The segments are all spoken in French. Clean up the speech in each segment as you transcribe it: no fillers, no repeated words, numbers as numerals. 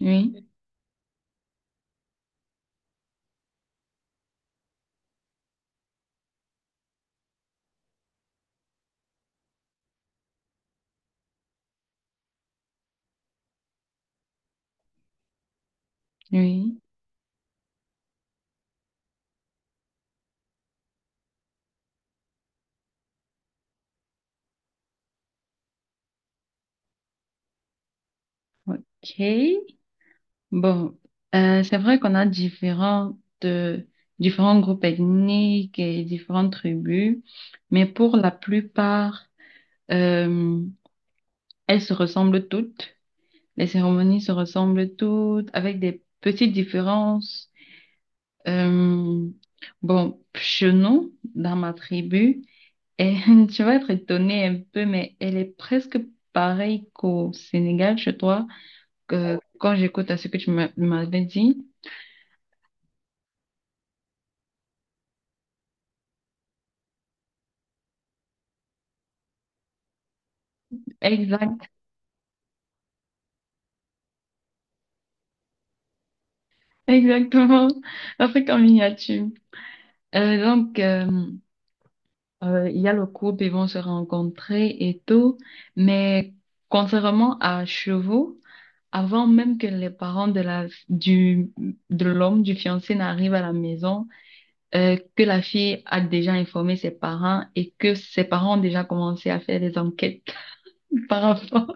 Oui, oui, ok. Bon, c'est vrai qu'on a euh, différents groupes ethniques et différentes tribus, mais pour la plupart, euh, elles se ressemblent toutes. Les cérémonies se ressemblent toutes, avec des petites différences. Euh, bon, chez nous, dans ma tribu, et tu vas être étonnée un peu, mais elle est presque pareille qu'au Sénégal, chez toi, que quand j'écoute à ce que m'avais dit. Exact, exactement. Afrique en miniature. Euh, donc, euh, il y a le couple, ils vont se rencontrer et tout, mais contrairement à chez vous, avant même que les parents de l'homme, du fiancé n'arrivent à la maison, que la fille a déjà informé ses parents et que ses parents ont déjà commencé à faire des enquêtes par rapport.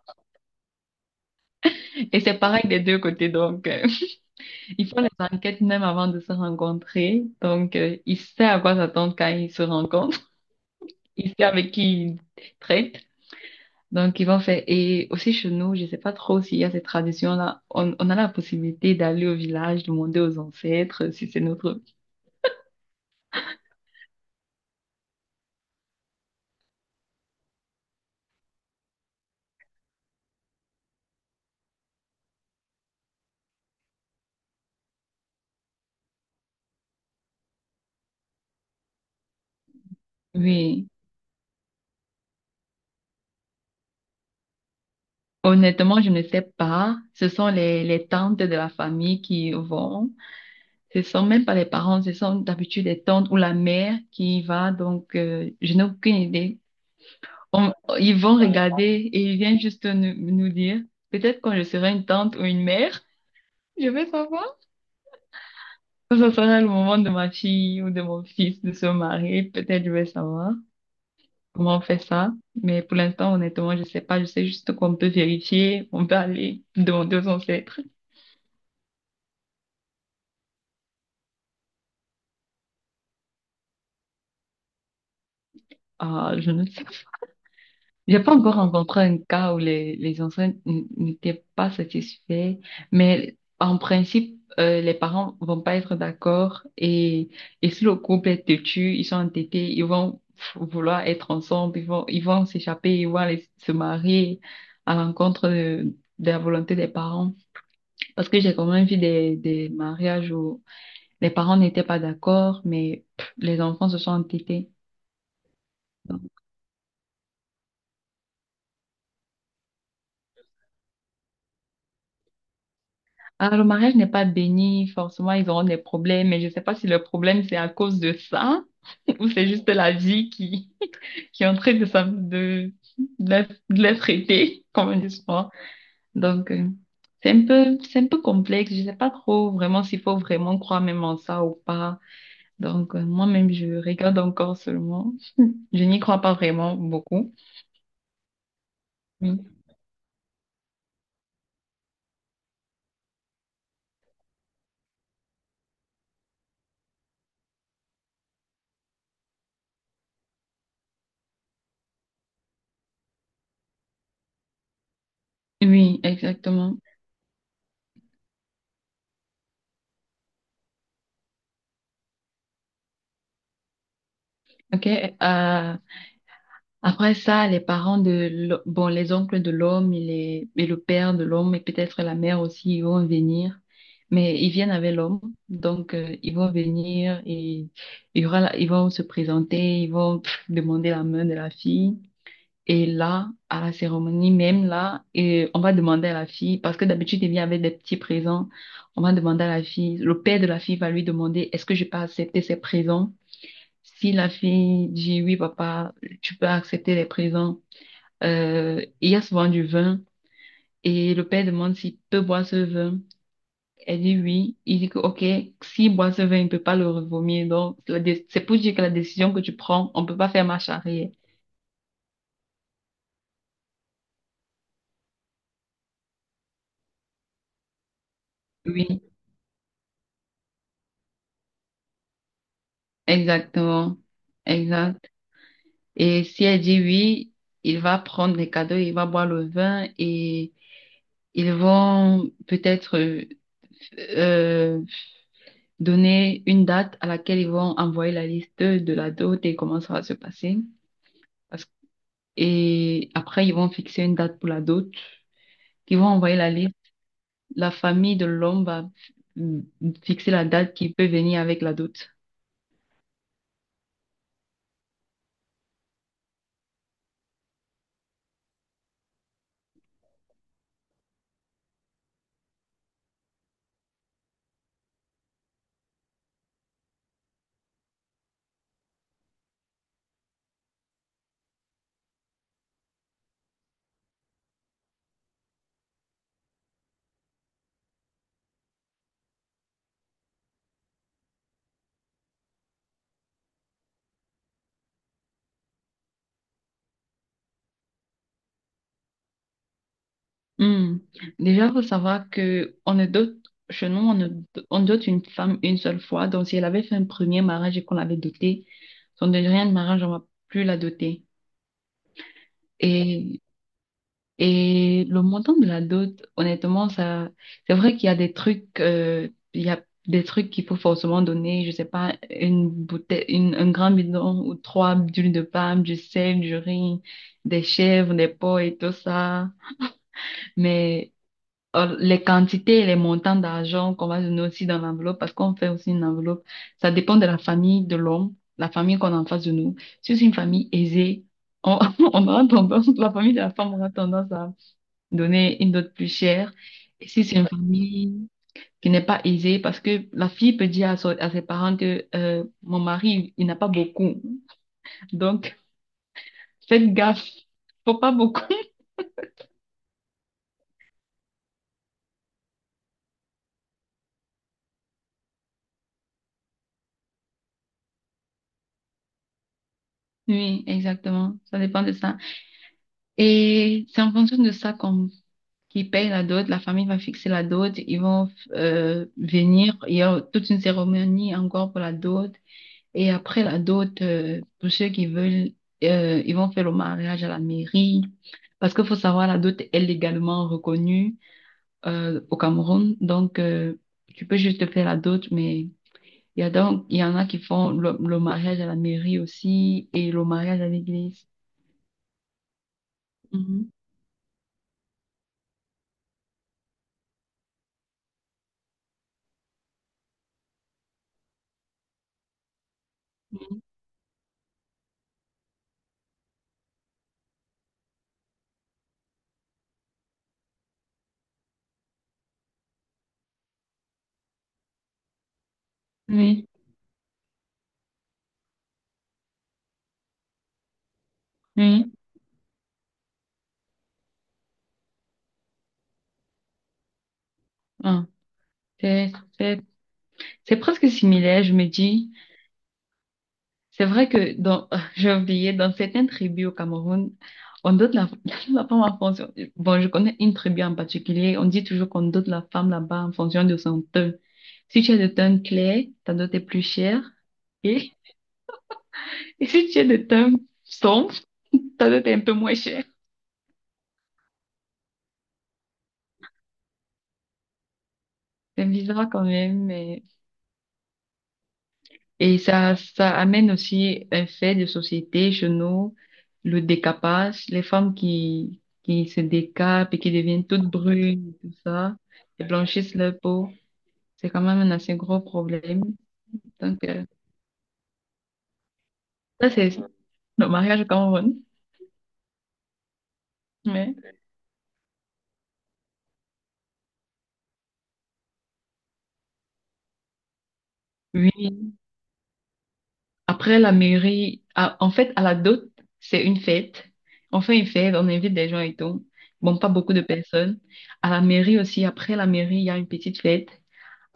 Et c'est pareil des deux côtés, ils font les enquêtes même avant de se rencontrer. Il sait à quoi s'attendre quand ils se rencontrent, il sait avec qui il traite. Donc ils vont faire. Et aussi chez nous, je sais pas trop s'il y a cette tradition-là. On a la possibilité d'aller au village, demander aux ancêtres si c'est notre. Oui, honnêtement, je ne sais pas. Ce sont les tantes de la famille qui vont. Ce sont même pas les parents, ce sont d'habitude les tantes ou la mère qui y va. Donc, je n'ai aucune idée. On- ils vont regarder et ils viennent juste nous dire, peut-être quand je serai une tante ou une mère, je vais savoir. Quand ce sera le moment de ma fille ou de mon fils de se marier, peut-être je vais savoir comment on fait ça. Mais pour l'instant, honnêtement, je sais pas. Je sais juste qu'on peut vérifier, on peut aller demander aux ancêtres. Ah, je ne sais. J'ai pas encore rencontré un cas où les enfants n'étaient pas satisfaits, mais en principe, les parents vont pas être d'accord et si le couple est têtu, ils sont entêtés, ils vont vouloir être ensemble, ils vont s'échapper, ils vont aller se marier à l'encontre de la volonté des parents. Parce que j'ai quand même vu des mariages où les parents n'étaient pas d'accord, mais pff, les enfants se sont entêtés. Ah, le mariage n'est pas béni, forcément ils auront des problèmes, mais je sais pas si le problème c'est à cause de ça ou c'est juste la vie qui, qui est en train de, s'am- de, la- de les traiter, comme on dit souvent. Donc euh, c'est un peu complexe, je sais pas trop vraiment s'il faut vraiment croire même en ça ou pas. Moi-même je regarde encore seulement, je n'y crois pas vraiment beaucoup. Oui, oui, exactement. Ok, après ça, les parents bon, les oncles de l'homme et le père de l'homme et peut-être la mère aussi, ils vont venir. Mais ils viennent avec l'homme, ils vont venir et il y aura ils vont se présenter, ils vont pff, demander la main de la fille. Et là, à la cérémonie, même là, et on va demander à la fille, parce que d'habitude, il vient avec des petits présents, on va demander à la fille, le père de la fille va lui demander, est-ce que je peux accepter ces présents? Si la fille dit oui, papa, tu peux accepter les présents, il y a souvent du vin et le père demande s'il peut boire ce vin. Elle dit oui. Il dit que, OK, s'il boit ce vin, il ne peut pas le revomir. Donc, c'est pour dire que la décision que tu prends, on ne peut pas faire marche arrière. Oui, exactement. Exact. Et si elle dit oui, il va prendre les cadeaux, il va boire le vin et ils vont peut-être euh, donner une date à laquelle ils vont envoyer la liste de la dot et comment ça va se passer. Parce- et après, ils vont fixer une date pour la dot. Ils vont envoyer la liste. La famille de l'homme va mm, fixer la date qui peut venir avec la dot. Hmm. Déjà, faut savoir que on ne dote, chez nous, on ne, on dote une femme une seule fois. Donc, si elle avait fait un premier mariage et qu'on l'avait dotée, son deuxième mariage, on va plus la doter. Et Et le montant de la dot, honnêtement, ça, c'est vrai qu'il y a des trucs, il y a des trucs qu'il faut forcément donner, je sais pas, une bouteille, un grand bidon ou trois d'huile de palme, du sel, du riz, des chèvres, des pots et tout ça. Mais les quantités et les montants d'argent qu'on va donner aussi dans l'enveloppe, parce qu'on fait aussi une enveloppe, ça dépend de la famille de l'homme, la famille qu'on a en face de nous. Si c'est une famille aisée, on, on aura tendance, la famille de la femme aura tendance à donner une dot plus chère. Et si c'est une famille qui n'est pas aisée, parce que la fille peut dire à ses parents que mon mari, il n'a pas beaucoup. Donc, faites gaffe. Faut pas beaucoup. Oui, exactement. Ça dépend de ça. Et c'est en fonction de ça qu'on qui paye la dot, la famille va fixer la dot, ils vont venir, il y a toute une cérémonie encore pour la dot. Et après la dot, pour ceux qui veulent, ils vont faire le mariage à la mairie. Parce qu'il faut savoir, la dot est légalement reconnue au Cameroun. Donc, tu peux juste faire la dot, mais il y en a qui font le mariage à la mairie aussi et le mariage à l'église. Mhm. Mhm. Oui, oui. Ah, c'est, c'est, c'est presque similaire, je me dis. C'est vrai que dans, j'ai oublié, dans certaines tribus au Cameroun, on donne la, la femme en fonction. Bon, je connais une tribu en particulier. On dit toujours qu'on donne la femme là-bas en fonction de son teint. Si tu es de teint clair, ta dot est plus chère. Et, et si tu es de teint sombre, ta dot est un peu moins chère. C'est bizarre quand même, mais et ça amène aussi un fait de société chez nous, le décapage, les femmes qui se décapent et qui deviennent toutes brunes, et tout ça, et blanchissent leur peau. C'est quand même un assez gros problème. Donc, ça, c'est le mariage au Cameroun. Mais oui, après la mairie, en fait, à la dot, c'est une fête. On fait une fête, on invite des gens et tout. Bon, pas beaucoup de personnes. À la mairie aussi, après la mairie, il y a une petite fête.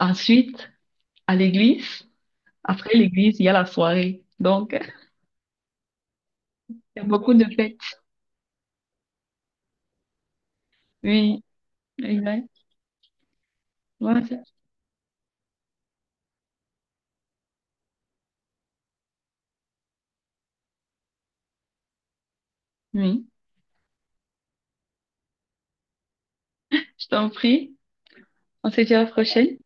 Ensuite, à l'église. Après l'église, il y a la soirée. Donc, il y a beaucoup de fêtes. Oui, exact. Voilà. Oui, je t'en prie. On se dit à la prochaine.